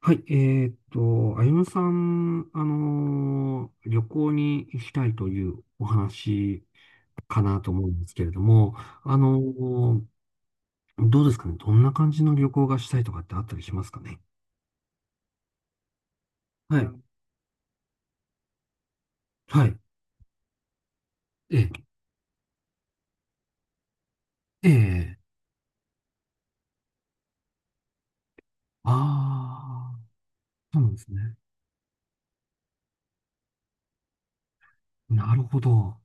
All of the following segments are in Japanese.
はい、あゆむさん、旅行に行きたいというお話かなと思うんですけれども、あのーどうですかね、どんな感じの旅行がしたいとかってあったりしますかね。はい、はい、ええ、ええ、ああ、そうなんですね。なるほど。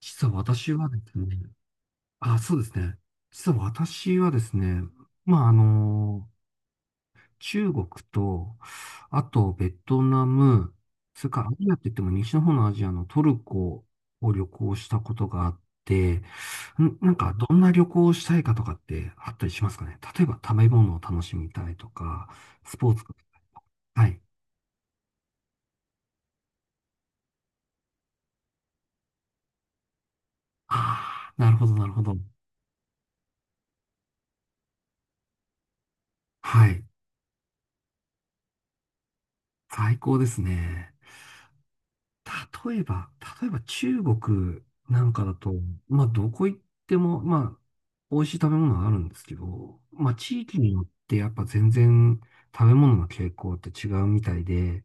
実は私はですね、あ、そうですね。実は私はですね、まあ、あの中国と、あとベトナム、それからアジアって言っても西の方のアジアのトルコを旅行したことがあって、んなんかどんな旅行をしたいかとかってあったりしますかね、例えば食べ物を楽しみたいとか、スポーツ。はい。ああ、なるほど、なるほど。はい。最高ですね。例えば、例えば中国なんかだと、まあどこ行っても、まあ美味しい食べ物はあるんですけど、まあ地域によってやっぱ全然食べ物の傾向って違うみたいで、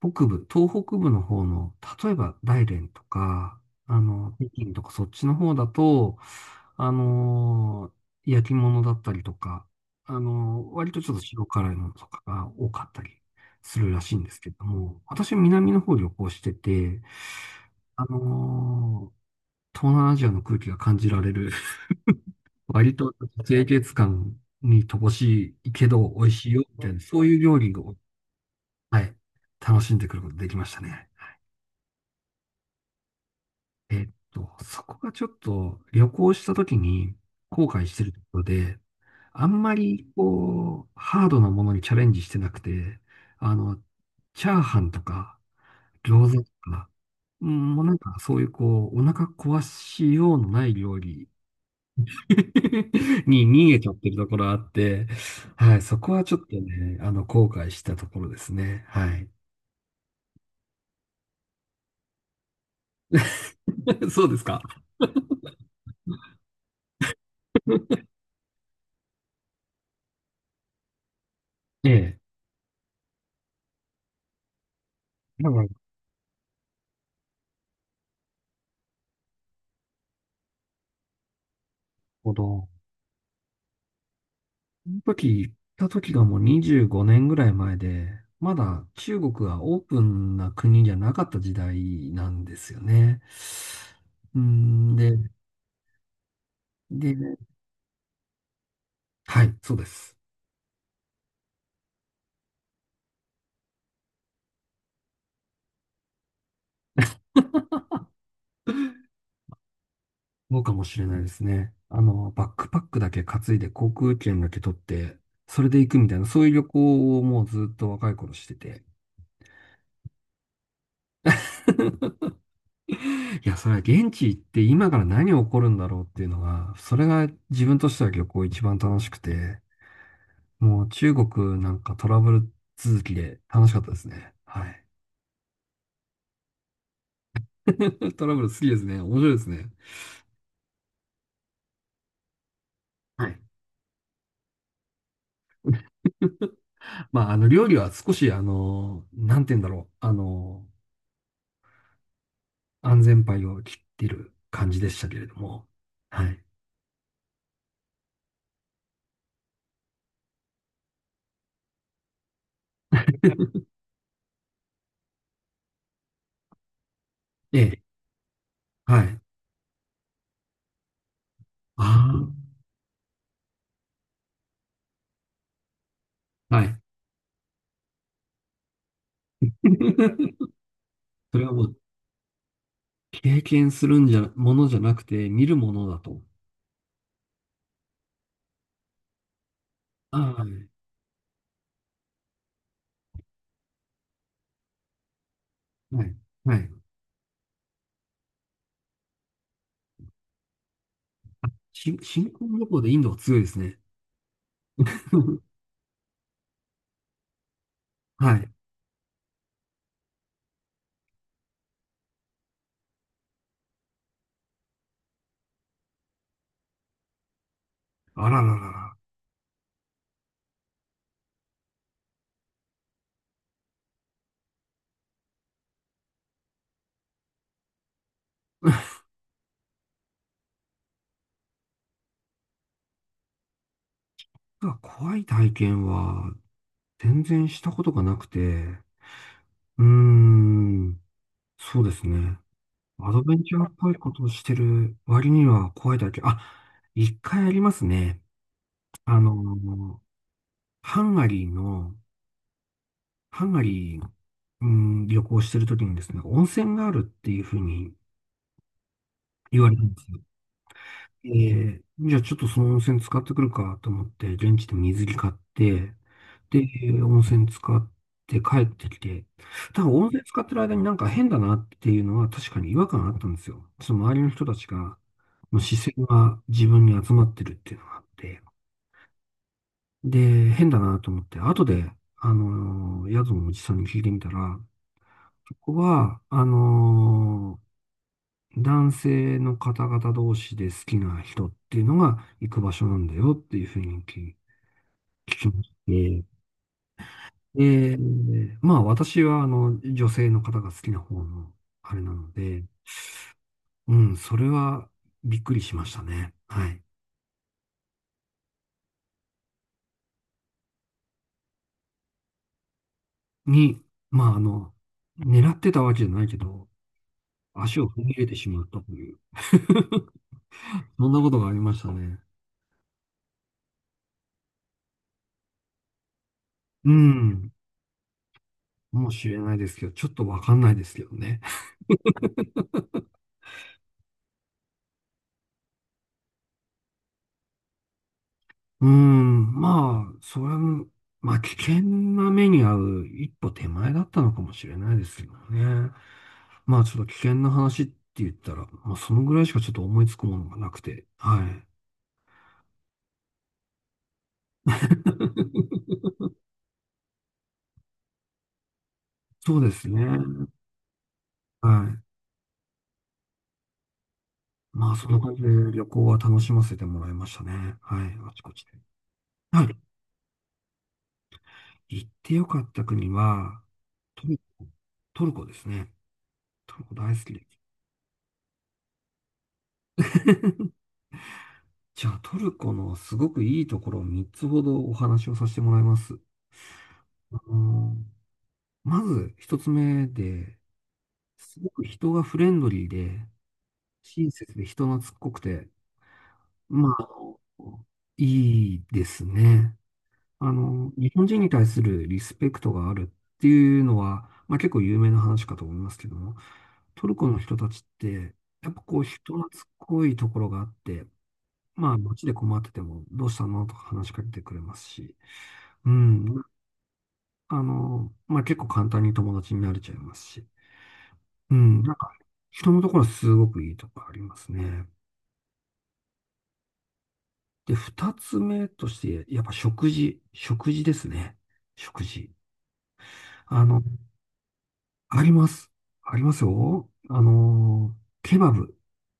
北部、東北部の方の、例えば大連とか、あの、北京とかそっちの方だと、あのー焼き物だったりとか、割とちょっと塩辛いものとかが多かったりするらしいんですけども、私は南の方旅行してて、あのー東南アジアの空気が感じられる、割と清潔感に乏しいけど美味しいよ、みたいな、そういう料理を、はい、楽しんでくることができましたね。えっと、そこがちょっと旅行した時に後悔してるところで、あんまりこう、ハードなものにチャレンジしてなくて、あの、チャーハンとか餃子とか、うんもうなんかそういうこう、お腹壊しようのない料理 に逃げちゃってるところあって、はい、そこはちょっとね、あの、後悔したところですね。はい。そうですか。ええ。なるほど。その時行った時がもう25年ぐらい前で、まだ中国がオープンな国じゃなかった時代なんですよね。うん、で、で、はい、そうです。そうかもしれないですね。あの、バックパックだけ担いで航空券だけ取って、それで行くみたいな、そういう旅行をもうずっと若い頃してて。いや、それは現地行って今から何起こるんだろうっていうのが、それが自分としては旅行一番楽しくて。もう中国なんかトラブル続きで楽しかったですね。はい。トラブル好きですね。面白いですね。はい。まあ、あの、料理は少し、あの、なんて言うんだろう。あの、安全牌を切ってる感じでしたけれども。はい。ええ。はい。ああ。はい。それはもう、経験するんじゃ、ものじゃなくて、見るものだと。ああ、はい。はい。し新新婚旅行でインドは強いですね。はい。あらららら。まあ怖い体験は全然したことがなくて、うーん、そうですね。アドベンチャーっぽいことをしてる割には怖い体験。あ、一回ありますね。あの、ハンガリーの、ハンガリー、うん、旅行してるときにですね、温泉があるっていうふうに言われたんですよ。ええ、じゃあちょっとその温泉使ってくるかと思って、現地で水着買って、で、温泉使って帰ってきて、ただ温泉使ってる間になんか変だなっていうのは確かに違和感あったんですよ。その周りの人たちが、もう視線が自分に集まってるっていうのがあって、で、変だなと思って、後で、宿のおじさんに聞いてみたら、ここは、男性の方々同士で好きな人っていうのが行く場所なんだよっていうふうに聞きまして、で、まあ私はあの女性の方が好きな方のあれなので、うん、それはびっくりしましたね。はい。に、まああの、狙ってたわけじゃないけど、足を踏み入れてしまったという、そんなことがありましたね。うん、かもしれないですけど、ちょっとわかんないですけどね。うーん、まあ、それも、まあ、危険な目に遭う一歩手前だったのかもしれないですけどね。まあ、ちょっと危険な話って言ったら、まあ、そのぐらいしかちょっと思いつくものがなくて、はい。そうですね。はい。まあ、そんな感じで旅行は楽しませてもらいましたね。はい。あちこちで。はい。行ってよかった国は、トルコ、トルコですね。トルコ大好きです。じゃあ、トルコのすごくいいところを3つほどお話をさせてもらいます。あのーまず一つ目で、すごく人がフレンドリーで、親切で人懐っこくて、まあ、あのいいですね。あの、日本人に対するリスペクトがあるっていうのは、まあ結構有名な話かと思いますけども、トルコの人たちって、やっぱこう人懐っこいところがあって、まあ街で困っててもどうしたのとか話しかけてくれますし、うん。あの、まあ、結構簡単に友達になれちゃいますし。うん。なんか、人のところすごくいいとこありますね。で、二つ目として、やっぱ食事。食事ですね。食事。あの、あります。ありますよ。あの、ケバブ。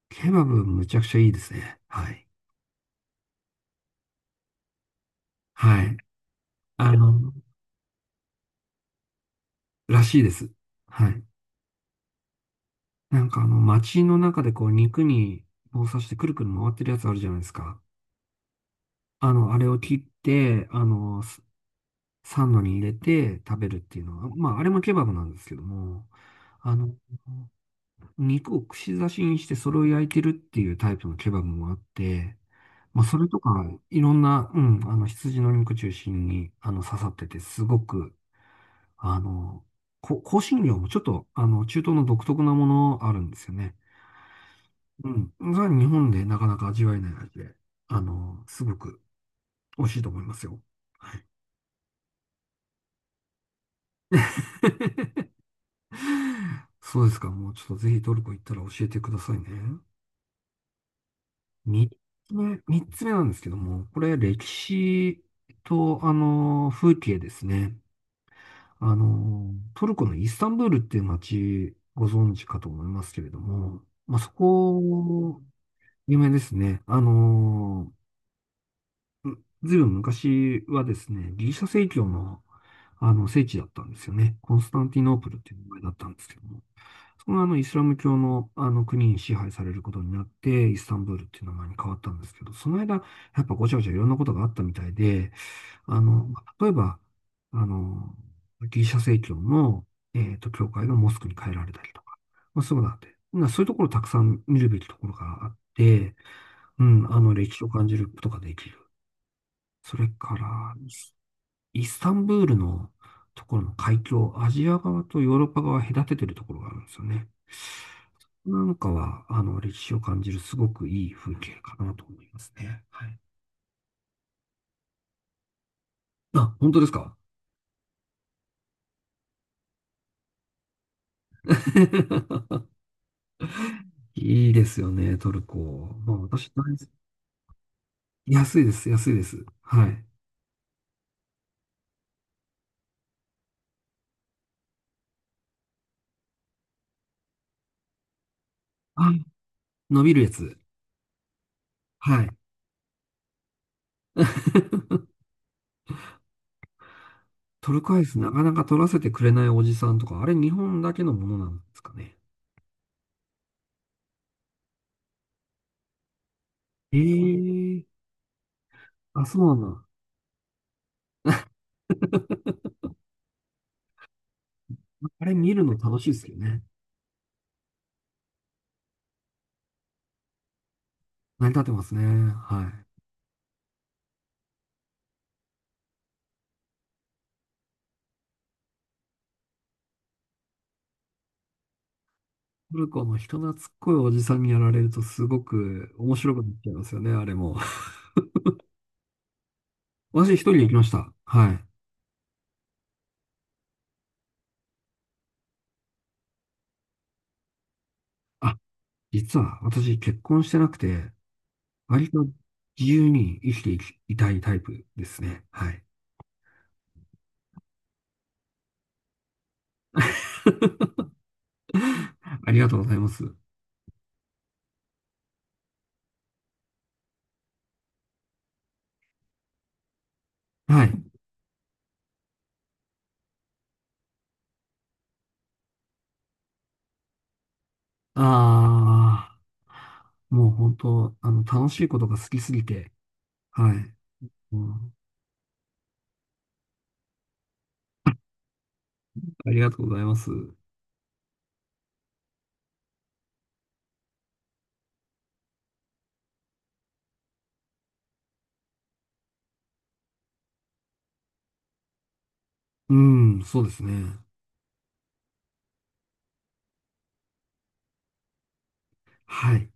ケバブむちゃくちゃいいですね。はい。はい。あの、らしいです。はい。なんかあの、街の中でこう、肉に棒刺してくるくる回ってるやつあるじゃないですか。あの、あれを切って、あの、サンドに入れて食べるっていうのは、まあ、あれもケバブなんですけども、あの、肉を串刺しにしてそれを焼いてるっていうタイプのケバブもあって、まあ、それとか、いろんな、うん、あの、羊の肉中心に、あの、刺さってて、すごく、あの、香辛料もちょっと、あの、中東の独特なものあるんですよね。うん。それは日本でなかなか味わえない味で、あの、すごく美味しいと思いますよ。そうですか。もうちょっとぜひトルコ行ったら教えてくださいね。三三つ目なんですけども、これ歴史と、あの、風景ですね。あの、トルコのイスタンブールっていう街、ご存知かと思いますけれども、まあ、そこ、有名ですね。あの、ずいぶん昔はですね、ギリシャ正教の、あの、聖地だったんですよね。コンスタンティノープルっていう名前だったんですけども。そのあのイスラム教のあの国に支配されることになって、イスタンブールっていう名前に変わったんですけど、その間、やっぱごちゃごちゃいろんなことがあったみたいで、あの、まあ例えば、あの、ギリシャ正教の、えっと、教会がモスクに変えられたりとか、まあ、そういうことがあって、なそういうところたくさん見るべきところがあって、うん、あの、歴史を感じることができる。それから、イスタンブールのところの海峡、アジア側とヨーロッパ側隔ててるところがあるんですよね。なんかは、あの、歴史を感じるすごくいい風景かなと思いますね。はい。あ、本当ですか？ いいですよね、トルコ。まあ、私大好き、安いです、安いです。はい。あ、伸びるやつ。はい。トルコアイスなかなか取らせてくれないおじさんとか、あれ日本だけのものなんですかね。ええ、あ、そうなんだ。あれ見るの楽しいですよね。成り立ってますね。はい。トルコの人懐っこいおじさんにやられるとすごく面白くなっちゃいますよね、あれも。私一人で行きました。はい。あ、実は私結婚してなくて、割と自由に生きていき、いたいタイプですね。はい。ありがとうございます。はい。ああ、もう本当、あの、楽しいことが好きすぎて、はい。うん、ありがとうございます。うん、そうですね。はい。